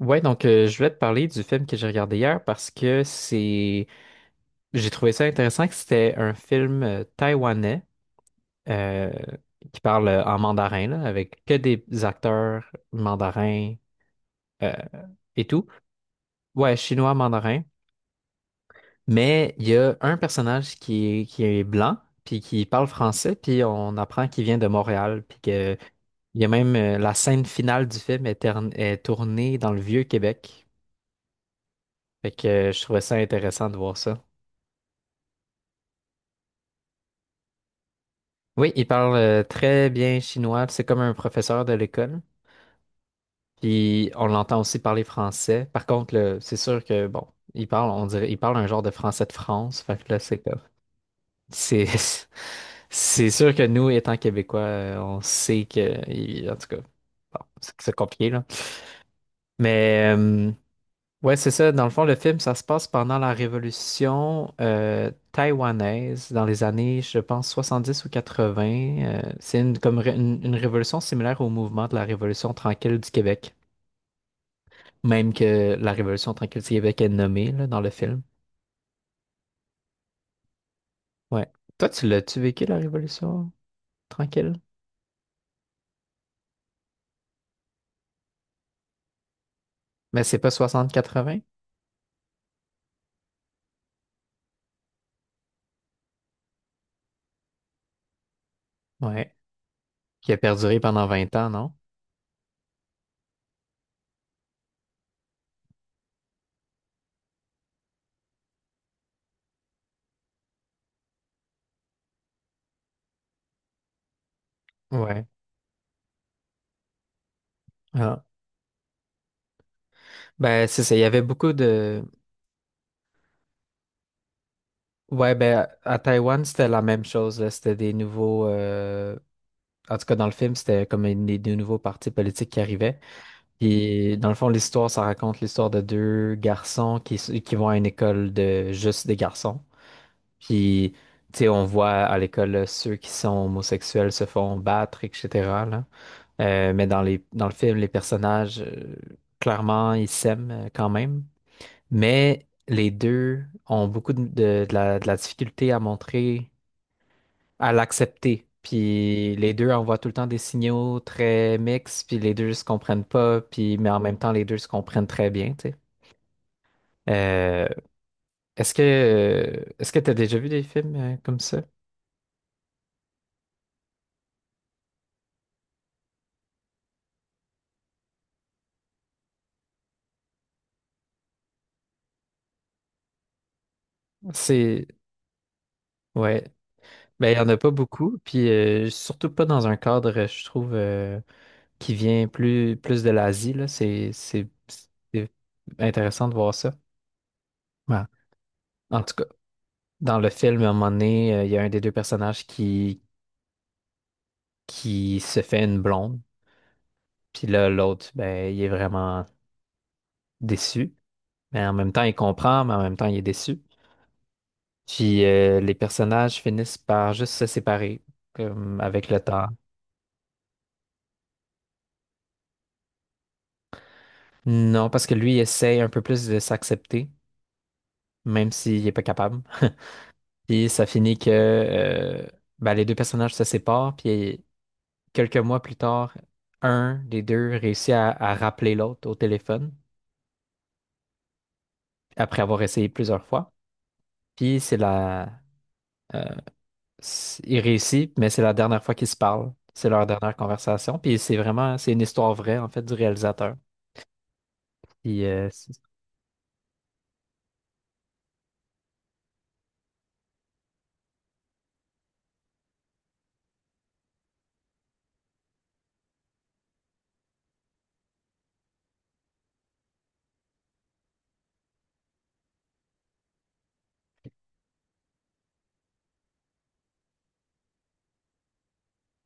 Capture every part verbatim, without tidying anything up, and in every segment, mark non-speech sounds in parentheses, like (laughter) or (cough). Ouais, donc euh, je voulais te parler du film que j'ai regardé hier parce que c'est j'ai trouvé ça intéressant que c'était un film euh, taïwanais euh, qui parle euh, en mandarin là, avec que des acteurs mandarins euh, et tout. Ouais, chinois mandarin, mais il y a un personnage qui est, qui est blanc puis qui parle français puis on apprend qu'il vient de Montréal puis que il y a même euh, la scène finale du film est, tern- est tournée dans le Vieux-Québec. Fait que euh, Je trouvais ça intéressant de voir ça. Oui, il parle euh, très bien chinois. C'est comme un professeur de l'école. Puis on l'entend aussi parler français. Par contre, le- c'est sûr que bon, il parle, on dirait, il parle un genre de français de France. Fait que là, c'est comme, c'est, (laughs) c'est sûr que nous, étant Québécois, euh, on sait que, il- en tout cas, bon, c'est c'est compliqué là. Mais euh, Ouais, c'est ça. Dans le fond, le film, ça se passe pendant la révolution euh, taïwanaise, dans les années, je pense, soixante-dix ou quatre-vingts. Euh, c'est une, comme ré- une, une révolution similaire au mouvement de la Révolution tranquille du Québec, même que la Révolution tranquille du Québec est nommée là, dans le film. Ouais. Toi, tu l'as-tu vécu, la Révolution tranquille? Mais c'est pas soixante quatre-vingts. Ouais. Qui a perduré pendant vingt ans, non? Ouais. Ah. Ben, c'est ça. Il y avait beaucoup de, ouais, ben à à Taïwan, c'était la même chose, là. C'était des nouveaux euh, en tout cas, dans le film, c'était comme une- des, des nouveaux partis politiques qui arrivaient. Et dans le fond, l'histoire, ça raconte l'histoire de deux garçons qui, s- qui vont à une école de juste des garçons. Puis, tu sais, on voit à l'école là, ceux qui sont homosexuels se font battre, et cetera là. Euh, mais dans les, dans le film, les personnages, euh, clairement, ils s'aiment euh, quand même. Mais les deux ont beaucoup de, de de la de la difficulté à montrer à l'accepter. Puis les deux envoient tout le temps des signaux très mixtes, puis les deux se comprennent pas, puis mais en même temps les deux se comprennent très bien, tu sais. Euh, est-ce que euh, Est-ce que tu as déjà vu des films euh, comme ça? C'est Ouais, ben il y en a pas beaucoup, puis euh, surtout pas dans un cadre, euh, je trouve, euh, qui vient plus plus de l'Asie là. C'est c'est c'est intéressant de voir ça. Ouais. En tout cas, dans le film, à un moment donné, euh, il y a un des deux personnages qui qui se fait une blonde. Puis là, l'autre, ben, il est vraiment déçu. Mais en même temps, il comprend, mais en même temps, il est déçu. Puis euh, Les personnages finissent par juste se séparer comme avec le temps. Non, parce que lui, il essaye un peu plus de s'accepter, même s'il n'est pas capable. Puis ça finit que euh, Ben, les deux personnages se séparent. Puis quelques mois plus tard, un des deux réussit à, à rappeler l'autre au téléphone après avoir essayé plusieurs fois. Puis c'est la, euh, s- Il réussit, mais c'est la dernière fois qu'ils se parlent. C'est leur dernière conversation. Puis c'est vraiment, c'est une histoire vraie, en fait, du réalisateur. Puis, euh, c'est-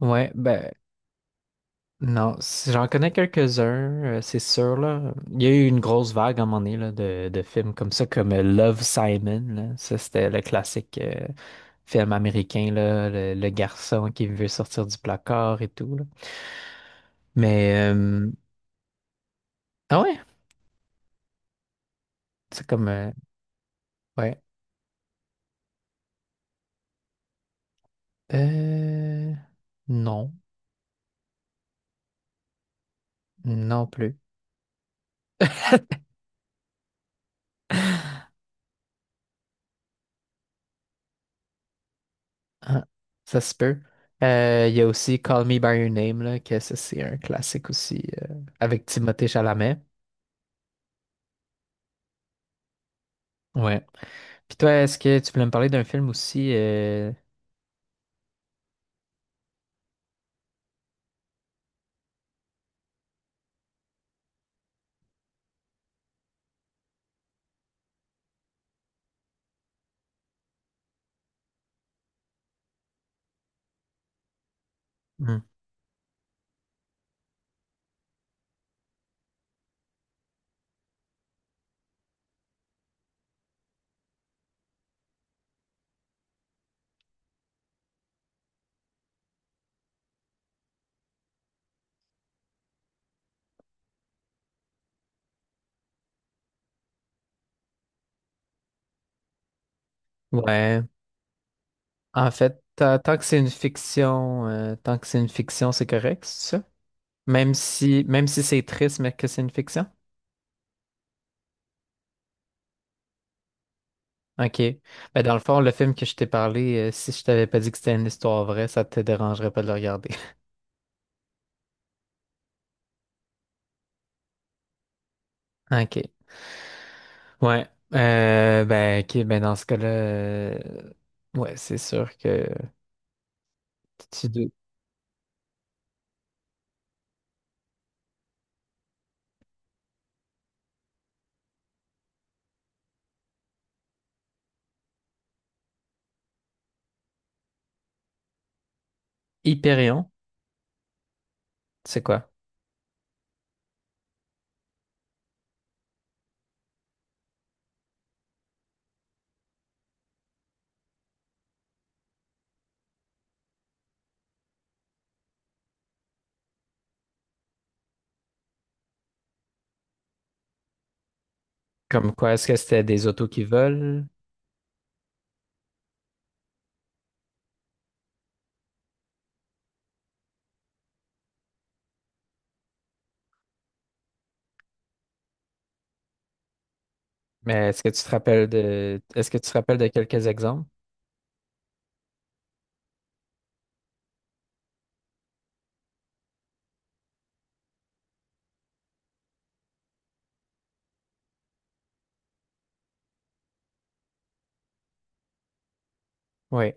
ouais, ben, non, si j'en connais quelques-uns, euh, c'est sûr, là. Il y a eu une grosse vague à un moment donné, là, de, de films comme ça, comme euh, Love, Simon, là. Ça, c'était le classique euh, film américain, là, le, le garçon qui veut sortir du placard et tout, là. Mais, euh, ah ouais, c'est comme, euh, ouais. Euh, non. Non plus. Ah, ça se peut. Euh, Il y a aussi Call Me By Your Name, là, que ça, c'est un classique aussi, euh, avec Timothée Chalamet. Ouais. Puis toi, est-ce que tu voulais me parler d'un film aussi? Euh, hmm. Ouais. En fait, ta- tant que c'est une fiction, euh, tant que c'est une fiction, c'est correct, c'est ça? Même si, même si c'est triste, mais que c'est une fiction? OK. Ben, dans le fond, le film que je t'ai parlé, euh, si je t'avais pas dit que c'était une histoire vraie, ça te dérangerait pas de le regarder. (laughs) OK. Ouais. Euh, ben, ok, ben dans ce cas-là, euh, ouais, c'est sûr que tu dois- Hyperion, c'est quoi? Comme quoi, est-ce que c'était des autos qui volent? Mais est-ce que tu te rappelles de est-ce que tu te rappelles de quelques exemples? Oui.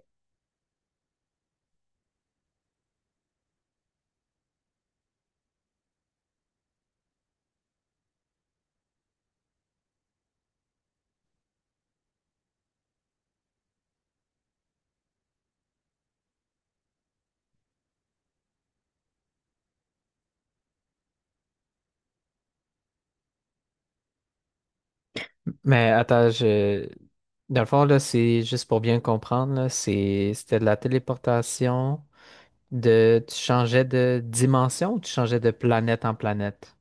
Mais attends, je Dans le fond, là, c'est juste pour bien comprendre, là, c'est c'était de la téléportation de tu changeais de dimension ou tu changeais de planète en planète?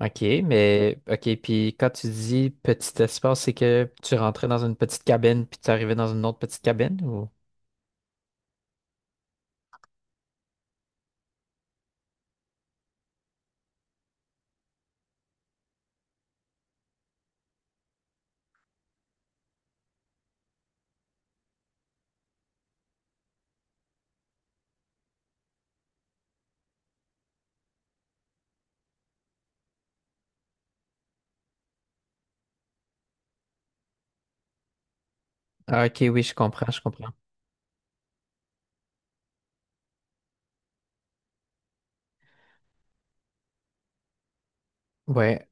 OK, mais OK, puis quand tu dis petit espace, c'est que tu rentrais dans une petite cabine puis tu arrivais dans une autre petite cabine ou? Ah, OK, oui, je comprends, je comprends. Ouais.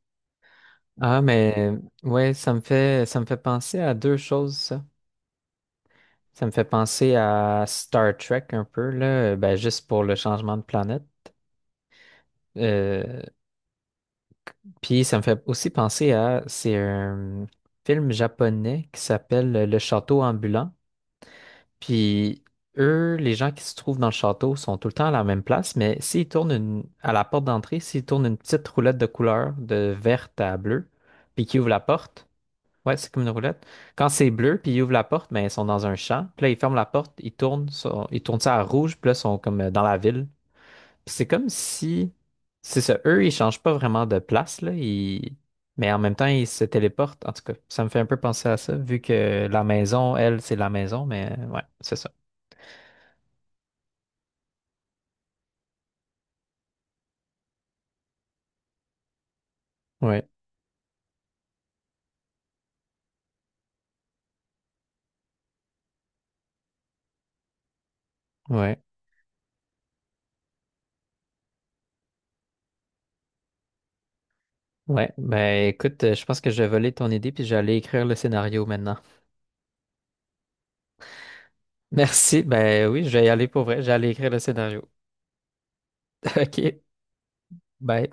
Ah, mais ouais, ça me fait ça me fait penser à deux choses, ça. Ça me fait penser à Star Trek un peu, là, ben juste pour le changement de planète. Euh, Puis ça me fait aussi penser à c'est un film japonais qui s'appelle Le Château ambulant. Puis eux, les gens qui se trouvent dans le château sont tout le temps à la même place, mais s'ils tournent une, à la porte d'entrée, s'ils tournent une petite roulette de couleur de verte à bleu, puis qu'ils ouvrent la porte, ouais, c'est comme une roulette. Quand c'est bleu, puis ils ouvrent la porte, ben ils sont dans un champ. Puis là, ils ferment la porte, ils tournent, sont- ils tournent ça à rouge, puis là, ils sont comme euh, dans la ville. Puis c'est comme si, c'est ça, eux, ils changent pas vraiment de place, là, ils- mais en même temps, ils se téléportent. En tout cas, ça me fait un peu penser à ça, vu que la maison, elle, c'est la maison, mais euh, ouais, c'est ça. Ouais, ouais, ouais. Ben écoute, euh, je pense que je vais voler ton idée puis j'allais écrire le scénario maintenant. (laughs) Merci. Ben oui, je vais y aller pour vrai. J'allais écrire le scénario. (laughs) OK. Bye.